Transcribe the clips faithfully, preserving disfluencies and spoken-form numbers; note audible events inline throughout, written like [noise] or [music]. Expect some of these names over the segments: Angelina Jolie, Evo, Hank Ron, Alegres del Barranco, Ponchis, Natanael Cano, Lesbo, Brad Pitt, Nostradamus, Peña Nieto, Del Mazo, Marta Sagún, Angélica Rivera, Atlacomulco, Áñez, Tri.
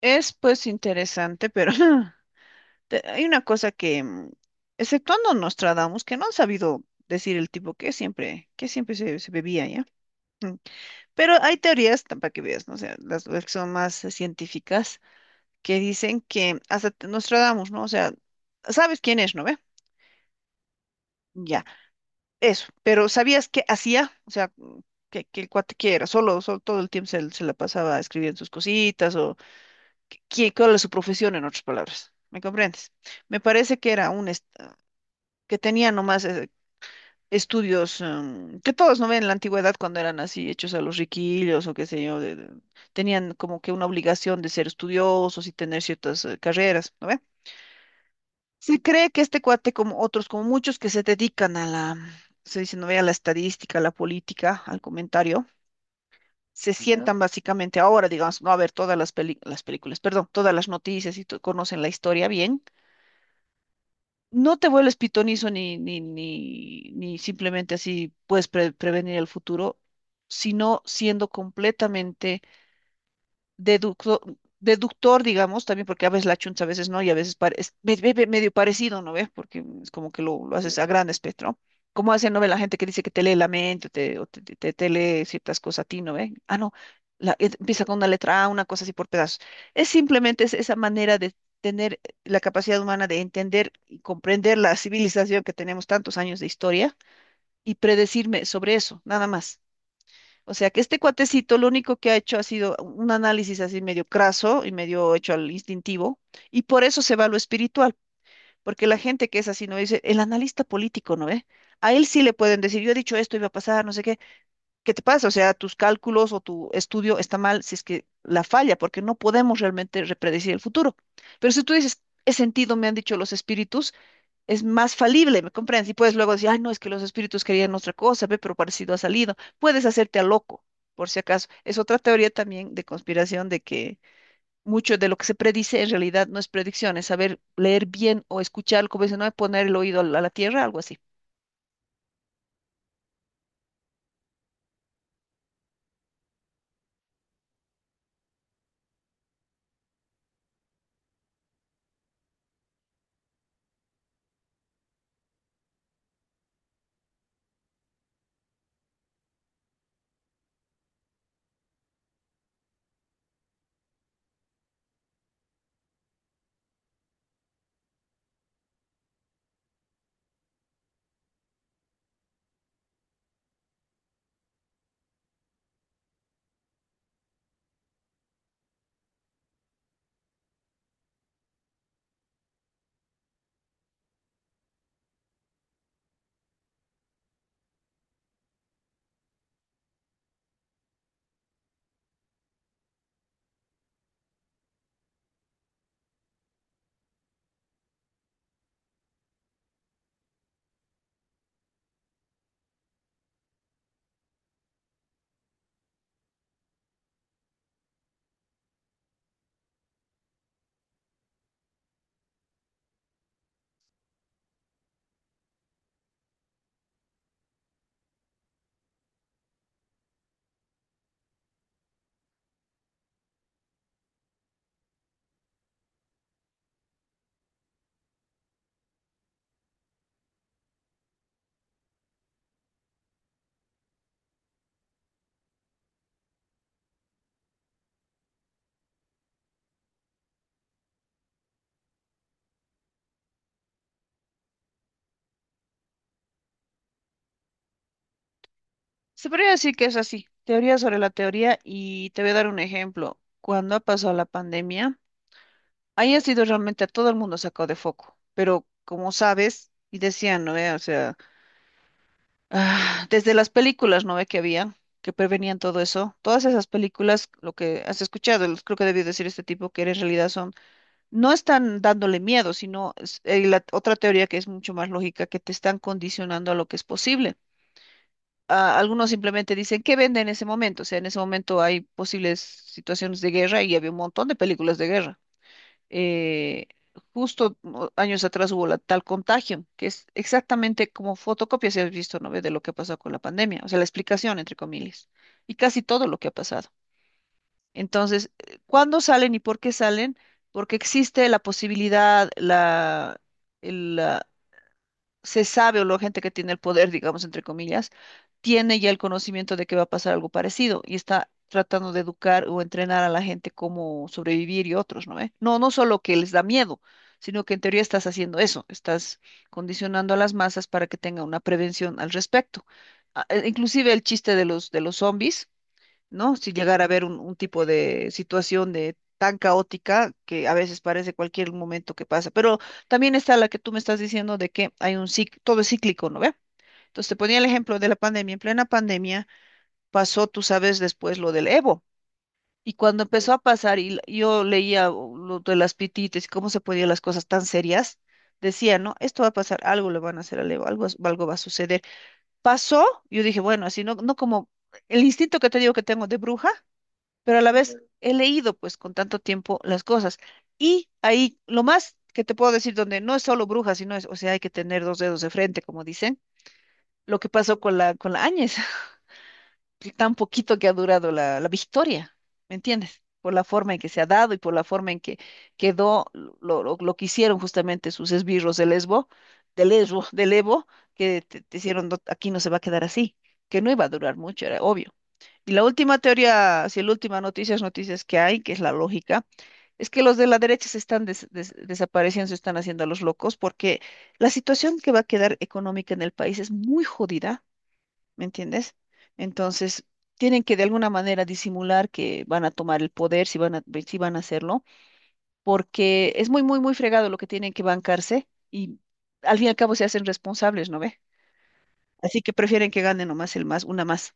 Es pues interesante, pero [laughs] te- hay una cosa que, mm, exceptuando Nostradamus, que no han sabido decir el tipo que siempre, que siempre se, se bebía, ¿ya? Mm. Pero hay teorías, tam- para que veas, ¿no? O sea, las, las que son más eh, científicas, que dicen que hasta te- Nostradamus, ¿no? O sea, sabes quién es, ¿no ve? Ya, eso. Pero ¿sabías qué hacía? O sea, mm, que, que el cuate que era, solo, solo todo el tiempo se, se la pasaba escribiendo sus cositas, qué- cuál es su profesión, en otras palabras. ¿Me comprendes? Me parece que era un est- que tenía nomás eh, estudios, em, que todos no ven en la antigüedad cuando eran así hechos a los riquillos o qué sé yo, de- de- tenían como que una obligación de ser estudiosos y tener ciertas eh, carreras, ¿no ve? Se cree que este cuate, como otros, como muchos que se dedican a la, se dice, no ve, a la estadística, a la política, al comentario, se ya, sientan básicamente ahora, digamos, no a ver todas las peli- las películas, perdón, todas las noticias, y to- conocen la historia bien. No te vuelves pitonizo, ni, ni, ni, ni simplemente así puedes pre- prevenir el futuro, sino siendo completamente deductor, deductor, digamos, también porque a veces la chunta, a veces no, y a veces pare- es me- me- me- medio parecido, ¿no ves? Porque es como que lo, lo haces a gran espectro. ¿Cómo hace, no ve, la gente que dice que te lee la mente o te, o te, te- te- te lee ciertas cosas a ti, ¿no ve? Ah, no, la- eh, empieza con una letra A, una cosa así por pedazos. Es simplemente es- esa manera de tener la capacidad humana de entender y comprender la civilización que tenemos tantos años de historia y predecirme sobre eso, nada más. O sea que este cuatecito lo único que ha hecho ha sido un análisis así medio craso y medio hecho al instintivo, y por eso se va a lo espiritual, porque la gente que es así no dice, el analista político, ¿no ve? A él sí le pueden decir, yo he dicho esto, iba a pasar, no sé qué, ¿qué te pasa? O sea, tus cálculos o tu estudio está mal si es que la falla, porque no podemos realmente repredecir el futuro. Pero si tú dices, he sentido, me han dicho los espíritus, es más falible, ¿me comprendes? Y puedes luego decir, ay, no, es que los espíritus querían otra cosa, ve, pero parecido ha salido. Puedes hacerte a loco, por si acaso. Es otra teoría también de conspiración de que mucho de lo que se predice en realidad no es predicción, es saber leer bien o escuchar, como dicen, no es poner el oído a la a la tierra, algo así. Se podría decir que es así, teoría sobre la teoría, y te voy a dar un ejemplo. Cuando ha pasado la pandemia, ahí ha sido realmente a todo el mundo sacado de foco, pero como sabes, y decían, ¿no ve? O sea, Ah, desde las películas, ¿no ve que había que prevenían todo eso? Todas esas películas, lo que has escuchado, los- creo que debió decir este tipo, que en realidad son, no están dándole miedo, sino es- eh, la otra teoría, que es mucho más lógica, que te están condicionando a lo que es posible. Ah, algunos simplemente dicen, ¿qué vende en ese momento? O sea, en ese momento hay posibles situaciones de guerra y había un montón de películas de guerra, eh, justo o- años atrás hubo la tal Contagio, que es exactamente como fotocopia, si has visto, ¿no ve? De lo que pasó con la pandemia, o sea, la explicación, entre comillas, y casi todo lo que ha pasado. Entonces, eh, ¿cuándo salen y por qué salen? Porque existe la posibilidad, la, se sabe, o la gente que tiene el poder, digamos, entre comillas, tiene ya el conocimiento de que va a pasar algo parecido y está tratando de educar o entrenar a la gente cómo sobrevivir y otros, ¿no ve? No, no solo que les da miedo, sino que en teoría estás haciendo eso, estás condicionando a las masas para que tengan una prevención al respecto. Ah, eh, Inclusive el chiste de los, de los zombies. ¿No? Si llegara a haber un, un tipo de situación de tan caótica, que a veces parece cualquier momento que pasa. Pero también está la que tú me estás diciendo de que hay un cic- todo es cíclico, ¿no ve? Entonces te ponía el ejemplo de la pandemia. En plena pandemia pasó, tú sabes, después lo del Evo. Y cuando empezó a pasar, y l- yo leía, o lo de las pitites y cómo se ponían las cosas tan serias, decía, ¿no? Esto va a pasar, algo le van a hacer al Evo, algo, es- algo va a suceder. Pasó, yo dije, bueno, así no, no como el instinto que te digo que tengo de bruja, pero a la vez he leído pues con tanto tiempo las cosas. Y ahí lo más que te puedo decir, donde no es solo brujas, sino es, o sea, hay que tener dos dedos de frente, como dicen, lo que pasó con la, con la Áñez, [laughs] tan poquito que ha durado la, la victoria, ¿me entiendes? Por la forma en que se ha dado y por la forma en que quedó lo, lo, lo que hicieron, justamente sus esbirros de Lesbo, de Lesbo, de Evo, que te, te hicieron: "No, aquí no se va a quedar así", que no iba a durar mucho, era obvio. Y la última teoría, si la última noticia es noticias que hay, que es la lógica, es que los de la derecha se están des- des- desapareciendo, se están haciendo a los locos, porque la situación que va a quedar económica en el país es muy jodida, ¿me entiendes? Entonces, tienen que de alguna manera disimular que van a tomar el poder, si van a, si van a hacerlo, porque es muy, muy, muy fregado lo que tienen que bancarse y al fin y al cabo se hacen responsables, ¿no ve? Así que prefieren que gane nomás el más, una más.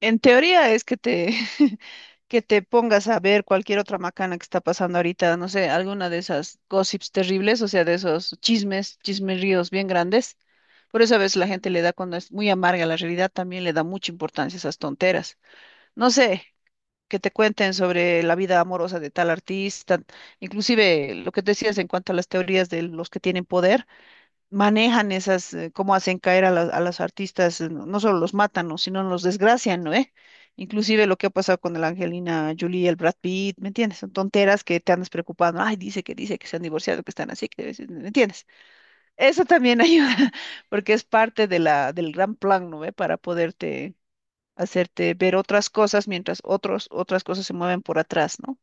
En teoría es que te, [laughs] que te pongas a ver cualquier otra macana que está pasando ahorita, no sé, alguna de esas gossips terribles, o sea, de esos chismes, chismeríos bien grandes. Por eso a veces la gente, le da, cuando es muy amarga la realidad, también le da mucha importancia a esas tonteras. No sé, que te cuenten sobre la vida amorosa de tal artista; inclusive lo que decías en cuanto a las teorías, de los que tienen poder manejan esas, eh, cómo hacen caer a las- a los artistas, eh, no no solo los matan, ¿no?, sino los desgracian, ¿no, eh? Inclusive lo que ha pasado con la Angelina Jolie, el Brad Pitt, ¿me entiendes? Son tonteras que te andas preocupando: "Ay, dice que dice que se han divorciado, que están así, que debe ser", ¿me entiendes? Eso también [laughs] ayuda, porque es parte de la, del gran plan, ¿no ve? Para poderte hacerte ver otras cosas, mientras otros, otras cosas se mueven por atrás, ¿no?